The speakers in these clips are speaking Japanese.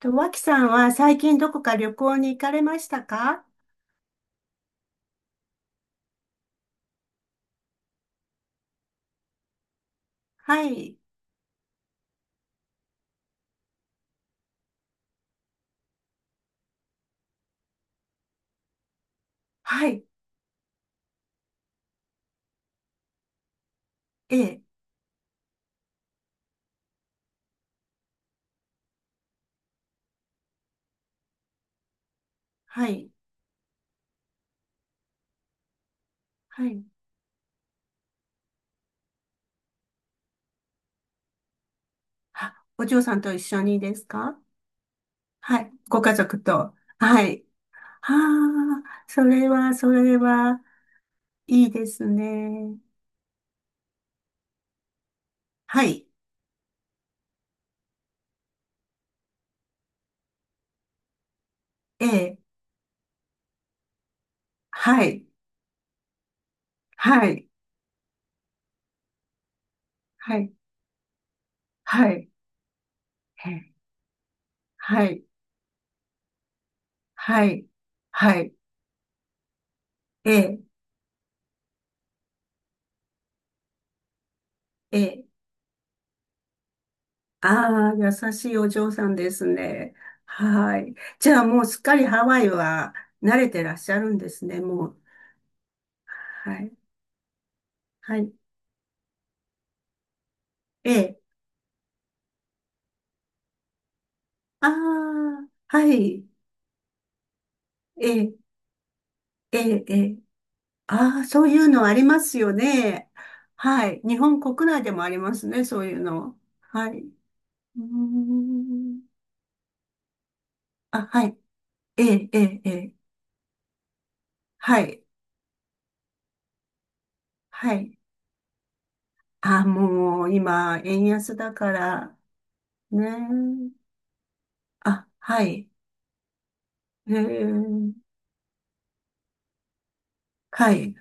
と、脇さんは最近どこか旅行に行かれましたか？はい。はい。ええ。はい。はい。あ、お嬢さんと一緒にですか？はい。ご家族と。はい。ああ、それは、それは、いいですね。はい。ええ。はい。はい。はい。はい。ええ、はい。はい。はい。ええ。ええ。ああ、優しいお嬢さんですね。はい。じゃあもうすっかりハワイは慣れてらっしゃるんですね、もう。はい。はい。ええ。ああ、はい。ええ、ええ、ええ。ああ、そういうのありますよね。はい。日本国内でもありますね、そういうの。はい。うーん。あ、はい。ええ、ええ、ええ。はい。はい。ああ、もう今、円安だから、ね。あ、はい。へえ、はい、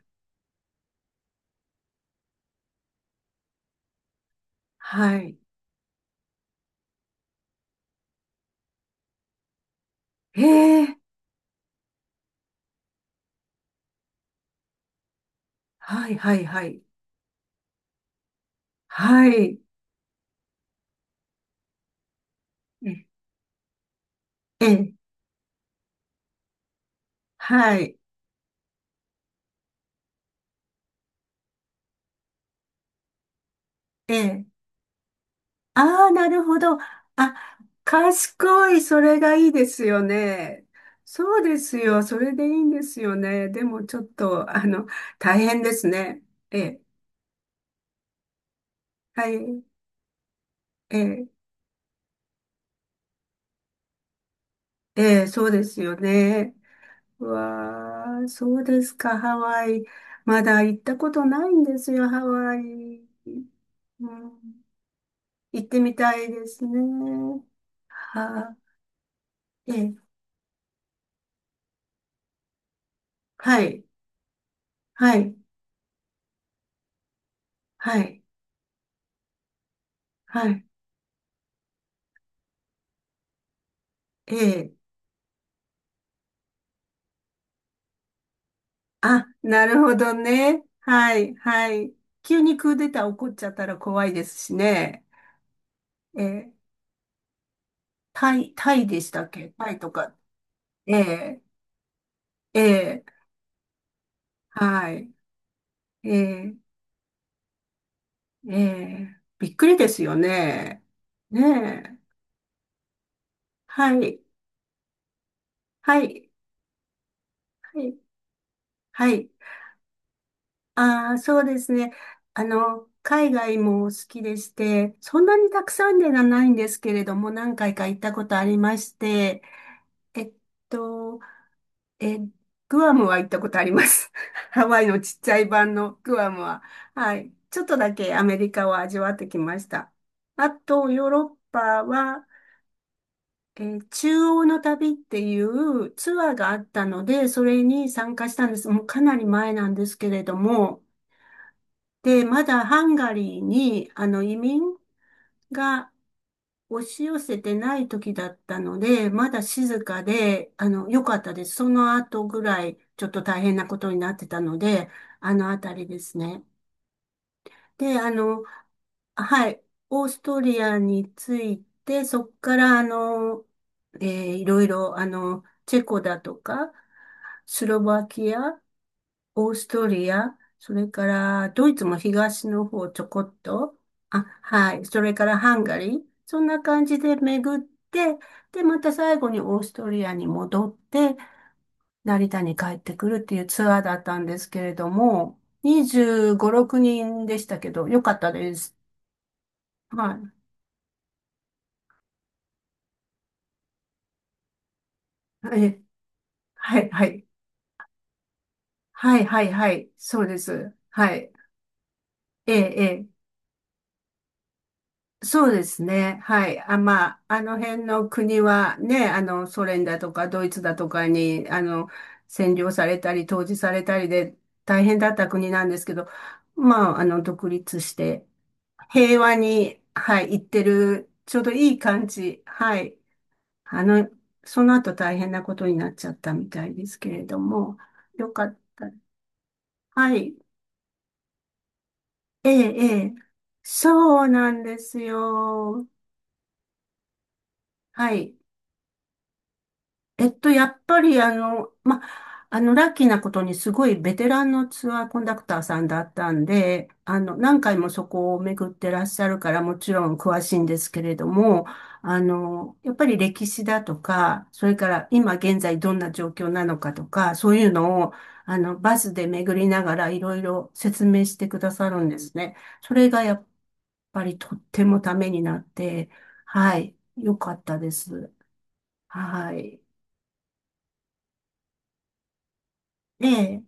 はい。へえ、はい、はい、はい。はい。え、え、はい、え、ああ、なるほど。あ、賢い、それがいいですよね。そうですよ、それでいいんですよね。でもちょっと、大変ですね。え、はい、え、え、そうですよね。うわあ、そうですか、ハワイ。まだ行ったことないんですよ、ハワイ。うん、行ってみたいですね。はあ、ええ、はい、はい、はい、はい、ええ、あ、なるほどね。はい、はい。急にクーデター起こっちゃったら怖いですしね。ええ、タイでしたっけ？タイとか。ええ、ええ、はい、ええ、ええ、びっくりですよね。ねえ、はい、はい、はい、はい。ああ、そうですね。海外も好きでして、そんなにたくさんではないんですけれども、何回か行ったことありまして、えっと、え、グアムは行ったことあります。ハワイのちっちゃい版のグアムは。はい。ちょっとだけアメリカを味わってきました。あと、ヨーロッパは、中央の旅っていうツアーがあったので、それに参加したんです。もうかなり前なんですけれども、で、まだハンガリーに、移民が押し寄せてない時だったので、まだ静かで、良かったです。その後ぐらい、ちょっと大変なことになってたので、あのあたりですね。で、はい、オーストリアについて、そこから、えーいろいろ、チェコだとか、スロバキアオーストリア、それからドイツも東の方ちょこっと、あ、はい、それからハンガリー、そんな感じで巡って、で、また最後にオーストリアに戻って、成田に帰ってくるっていうツアーだったんですけれども、25、6人でしたけど、よかったです。はい。え、はい、はい。はい、はい、はい。そうです。はい。ええ、ええ。そうですね。はい。あ、まあ、あの辺の国はね、ソ連だとかドイツだとかに、占領されたり、統治されたりで大変だった国なんですけど、まあ、独立して、平和に、はい、行ってる、ちょうどいい感じ。はい。あの、その後大変なことになっちゃったみたいですけれども、よかった。はい。ええ、ええ。そうなんですよ。はい。やっぱりま、ラッキーなことにすごいベテランのツアーコンダクターさんだったんで、何回もそこを巡ってらっしゃるからもちろん詳しいんですけれども、やっぱり歴史だとか、それから今現在どんな状況なのかとか、そういうのを、バスで巡りながらいろいろ説明してくださるんですね。それがやっぱりとってもためになって、はい、良かったです。はい。ええ、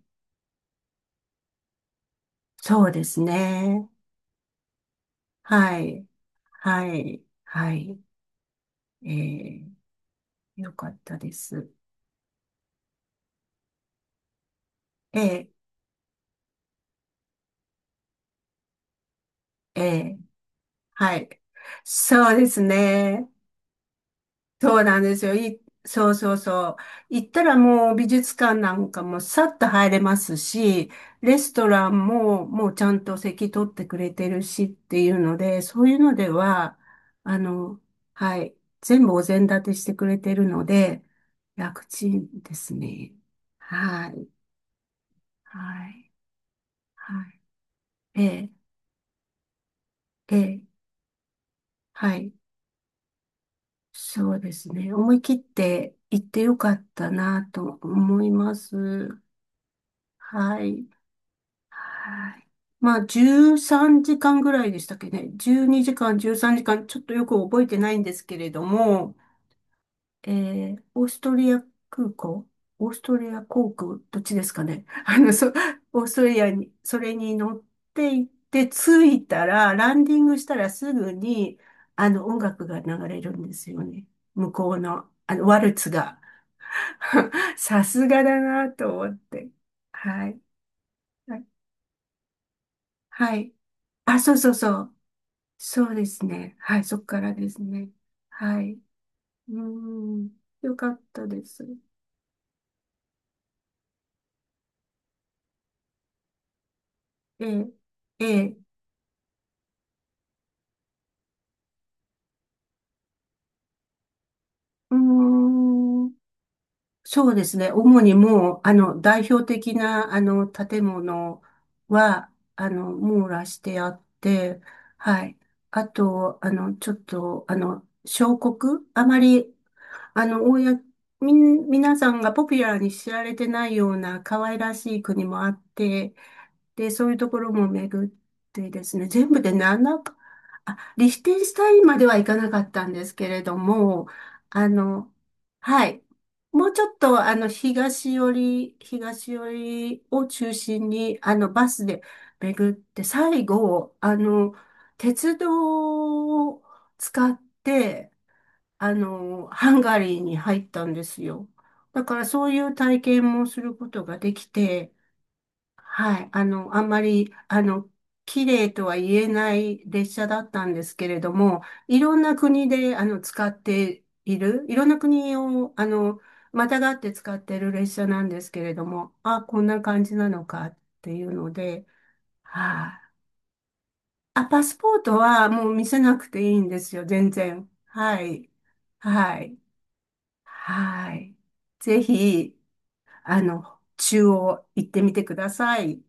そうですね。はい。はい。はい。えー、よかったです。えー、えー、はい。そうですね。そうなんですよ。そうそうそう。行ったらもう美術館なんかもさっと入れますし、レストランももうちゃんと席取ってくれてるしっていうので、そういうのでは、あの、はい、全部お膳立てしてくれてるので、楽ちんですね。はい、はい、はい。ええ、ええ、はい。そうですね。思い切って行ってよかったなと思います。はい。はい。まあ、13時間ぐらいでしたっけね。12時間、13時間、ちょっとよく覚えてないんですけれども、えオーストリア空港オーストリア航空、どっちですかね？オーストリアに、それに乗って行って、着いたら、ランディングしたらすぐに、音楽が流れるんですよね。向こうの、ワルツが。さすがだなと思って。はい。はい。はい。あ、そうそうそう。そうですね。はい、そっからですね。はい。うーん、よかったです。ええ、ええ、うーん、そうですね。主にもう、代表的な、建物は、網羅してあって、はい。あと、ちょっと、小国あまり、公みん、皆さんがポピュラーに知られてないような可愛らしい国もあって、で、そういうところも巡ってですね、全部で7か、あ、リヒテンシュタインまでは行かなかったんですけれども、あの、はい。もうちょっと、東寄りを中心に、バスで巡って、最後、鉄道を使って、ハンガリーに入ったんですよ。だから、そういう体験もすることができて、はい。あんまり、綺麗とは言えない列車だったんですけれども、いろんな国で、使っている、いろんな国を、またがって使ってる列車なんですけれども、あ、こんな感じなのかっていうので、はい。あ、パスポートはもう見せなくていいんですよ、全然。はい。はい。はい。ぜひ、中央行ってみてください。